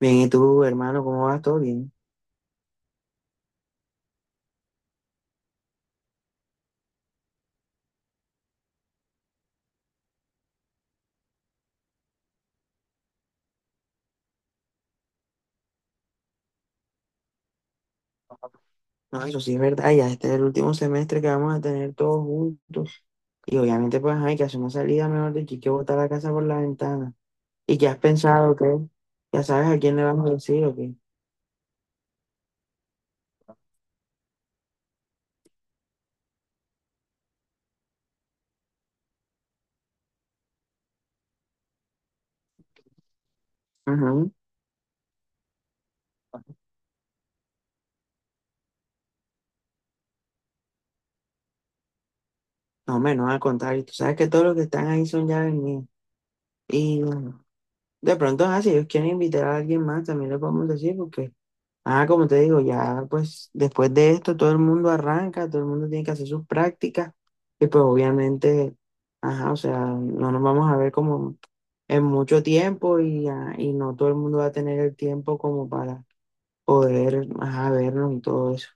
Bien, ¿y tú, hermano, cómo vas? ¿Todo bien? No, eso sí es verdad, ya este es el último semestre que vamos a tener todos juntos. Y obviamente, pues, ajá, hay que hacer una salida, mejor dicho, hay que botar la casa por la ventana. ¿Y qué has pensado, qué? ¿Ya sabes a quién le vamos a decir o qué? Ajá. No, hombre, no, al contrario, tú sabes que todos los que están ahí son ya mías. Y bueno, de pronto, ajá, si ellos quieren invitar a alguien más, también le podemos decir, porque... Ah, como te digo, ya pues después de esto todo el mundo arranca, todo el mundo tiene que hacer sus prácticas y pues obviamente, ajá, o sea, no nos vamos a ver como en mucho tiempo y, y no todo el mundo va a tener el tiempo como para poder, ajá, vernos y todo eso.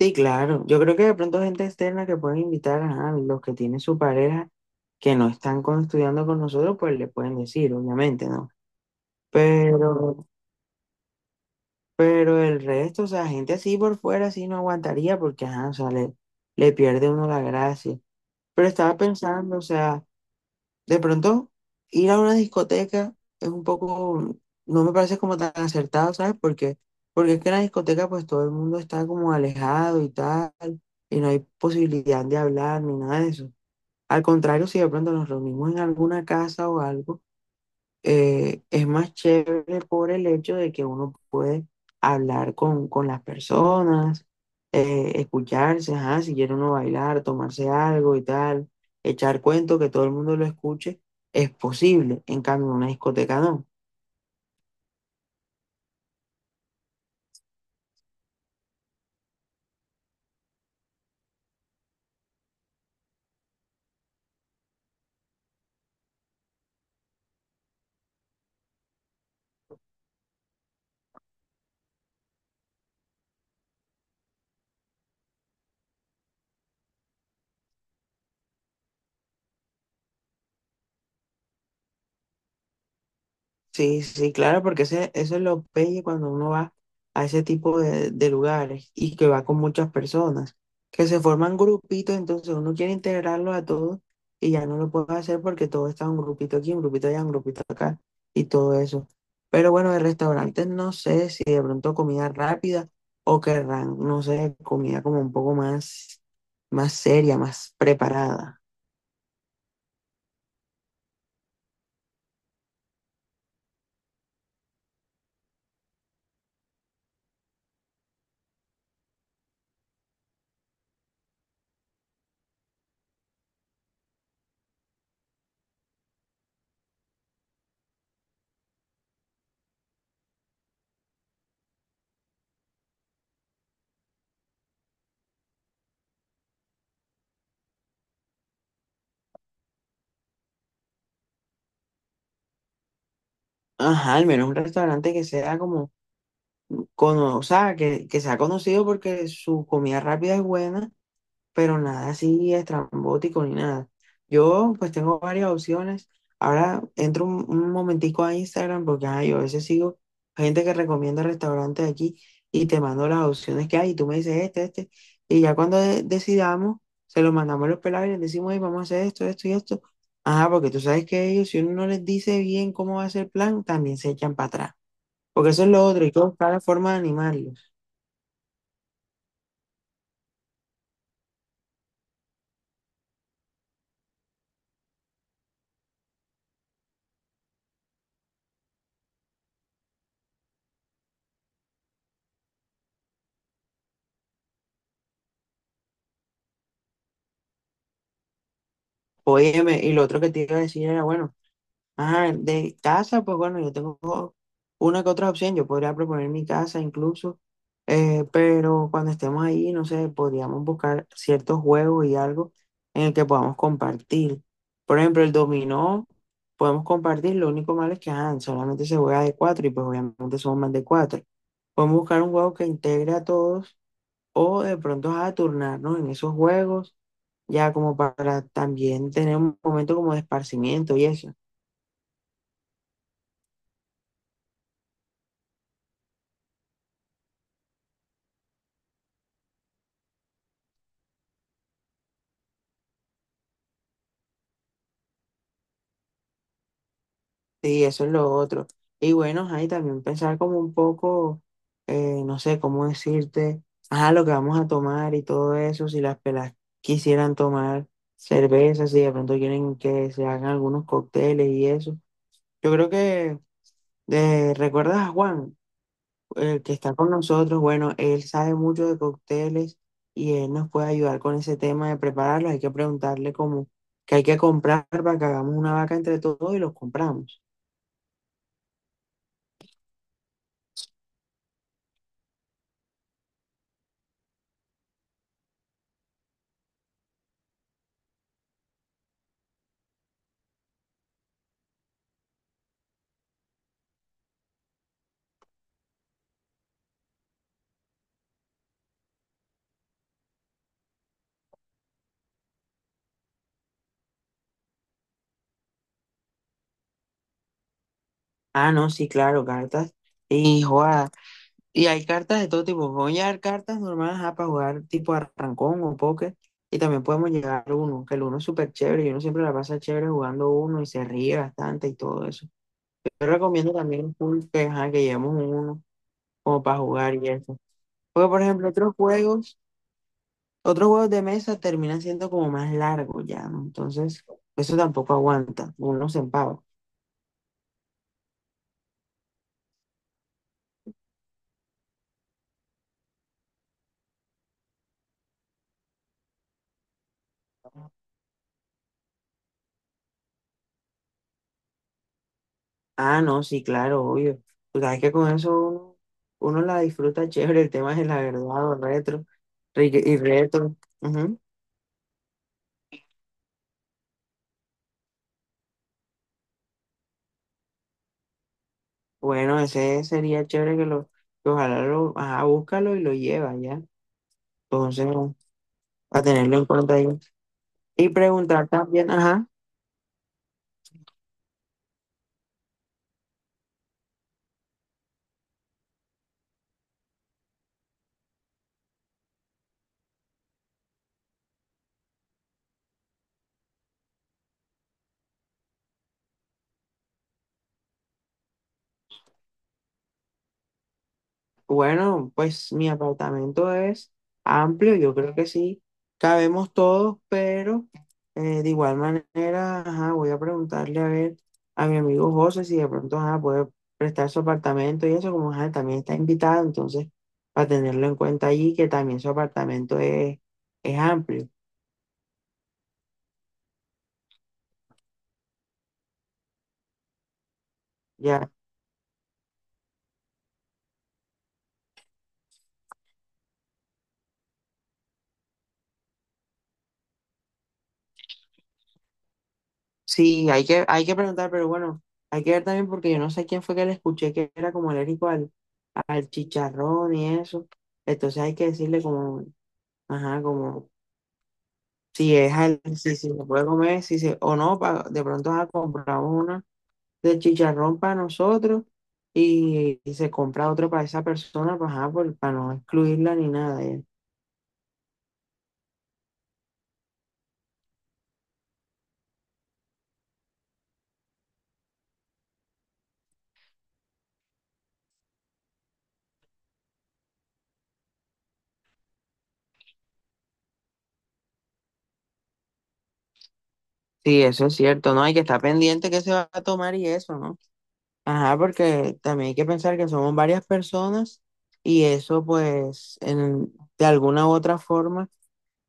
Sí, claro, yo creo que de pronto gente externa que pueden invitar, ajá, los que tienen su pareja que no están estudiando con nosotros, pues le pueden decir, obviamente, ¿no? Pero... Pero el resto, o sea, gente así por fuera, así no aguantaría porque, ajá, o sea, le pierde uno la gracia. Pero estaba pensando, o sea, de pronto ir a una discoteca es un poco, no me parece como tan acertado, ¿sabes? Porque, porque es que en la discoteca pues todo el mundo está como alejado y tal, y no hay posibilidad de hablar ni nada de eso. Al contrario, si de pronto nos reunimos en alguna casa o algo es más chévere por el hecho de que uno puede hablar con las personas, escucharse, ajá, si quiere uno bailar, tomarse algo y tal, echar cuento, que todo el mundo lo escuche, es posible. En cambio, en una discoteca no. Sí, sí, claro, porque ese, eso es lo pelle cuando uno va a ese tipo de lugares y que va con muchas personas, que se forman grupitos, entonces uno quiere integrarlos a todos y ya no lo puede hacer porque todo está un grupito aquí, un grupito allá, un grupito acá y todo eso. Pero bueno, de restaurantes no sé si de pronto comida rápida o querrán, no sé, comida como un poco más, más seria, más preparada. Ajá, al menos un restaurante que sea como o sea, que se ha conocido porque su comida rápida es buena, pero nada así estrambótico ni nada. Yo pues tengo varias opciones. Ahora entro un momentico a Instagram porque ajá yo a veces sigo gente que recomienda restaurantes de aquí y te mando las opciones que hay y tú me dices este, este. Y ya cuando decidamos, se lo mandamos a los pelados y les decimos: "Ey, vamos a hacer esto, esto y esto". Ajá, porque tú sabes que ellos, si uno no les dice bien cómo va a ser el plan, también se echan para atrás. Porque eso es lo otro, y que buscar la forma de animarlo. Óyeme, y lo otro que te iba a decir era, bueno, ajá, de casa, pues bueno, yo tengo una que otra opción, yo podría proponer mi casa incluso, pero cuando estemos ahí, no sé, podríamos buscar ciertos juegos y algo en el que podamos compartir. Por ejemplo, el dominó, podemos compartir, lo único malo es que, ajá, solamente se juega de cuatro y pues obviamente somos más de cuatro. Podemos buscar un juego que integre a todos o de pronto, a turnarnos en esos juegos ya como para también tener un momento como de esparcimiento y eso. Sí, eso es lo otro. Y bueno, ahí también pensar como un poco, no sé cómo decirte, ajá, lo que vamos a tomar y todo eso, si las pelas quisieran tomar cerveza, si de pronto quieren que se hagan algunos cócteles y eso. Yo creo que, ¿recuerdas a Juan? El que está con nosotros, bueno, él sabe mucho de cócteles y él nos puede ayudar con ese tema de prepararlos. Hay que preguntarle cómo que hay que comprar para que hagamos una vaca entre todos y los compramos. Ah, no, sí, claro, cartas y jugadas. Y hay cartas de todo tipo. Voy a llevar cartas normales ajá, para jugar tipo arrancón o póker. Y también podemos llevar uno, que el uno es súper chévere y uno siempre la pasa chévere jugando uno y se ríe bastante y todo eso. Yo recomiendo también full que, ajá, que llevemos un uno como para jugar y eso. Porque, por ejemplo, otros juegos de mesa terminan siendo como más largos ya, ¿no? Entonces, eso tampoco aguanta, uno se empava. Ah, no, sí, claro, obvio. Tú sabes que con eso uno, uno la disfruta chévere, el tema es la verdad o retro, y retro. Ujú. Bueno, ese sería chévere que ojalá lo, ajá, búscalo y lo lleva ya. Entonces, a tenerlo en cuenta ahí. Y preguntar también, ajá. Bueno, pues mi apartamento es amplio, yo creo que sí, cabemos todos, pero de igual manera, ajá, voy a preguntarle a ver a mi amigo José si de pronto ajá, puede prestar su apartamento y eso, como ajá, también está invitado, entonces para tenerlo en cuenta allí, que también su apartamento es amplio. Ya. Sí, hay que preguntar, pero bueno, hay que ver también porque yo no sé quién fue que le escuché que era como alérgico al, al chicharrón y eso. Entonces hay que decirle como, ajá, como si es al, si, si se puede comer, si se, o no, de pronto ajá, compramos una de chicharrón para nosotros y se compra otro para esa persona, pues, ajá, para no excluirla ni nada. Ya. Sí, eso es cierto, ¿no? Hay que estar pendiente que se va a tomar y eso, ¿no? Ajá, porque también hay que pensar que somos varias personas y eso pues de alguna u otra forma,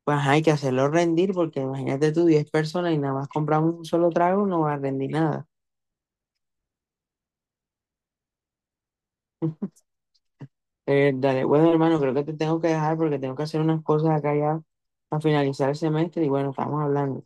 pues ajá, hay que hacerlo rendir porque imagínate tú 10 personas y nada más compramos un solo trago, no va a rendir nada. Dale, bueno hermano, creo que te tengo que dejar porque tengo que hacer unas cosas acá ya a finalizar el semestre y bueno, estamos hablando.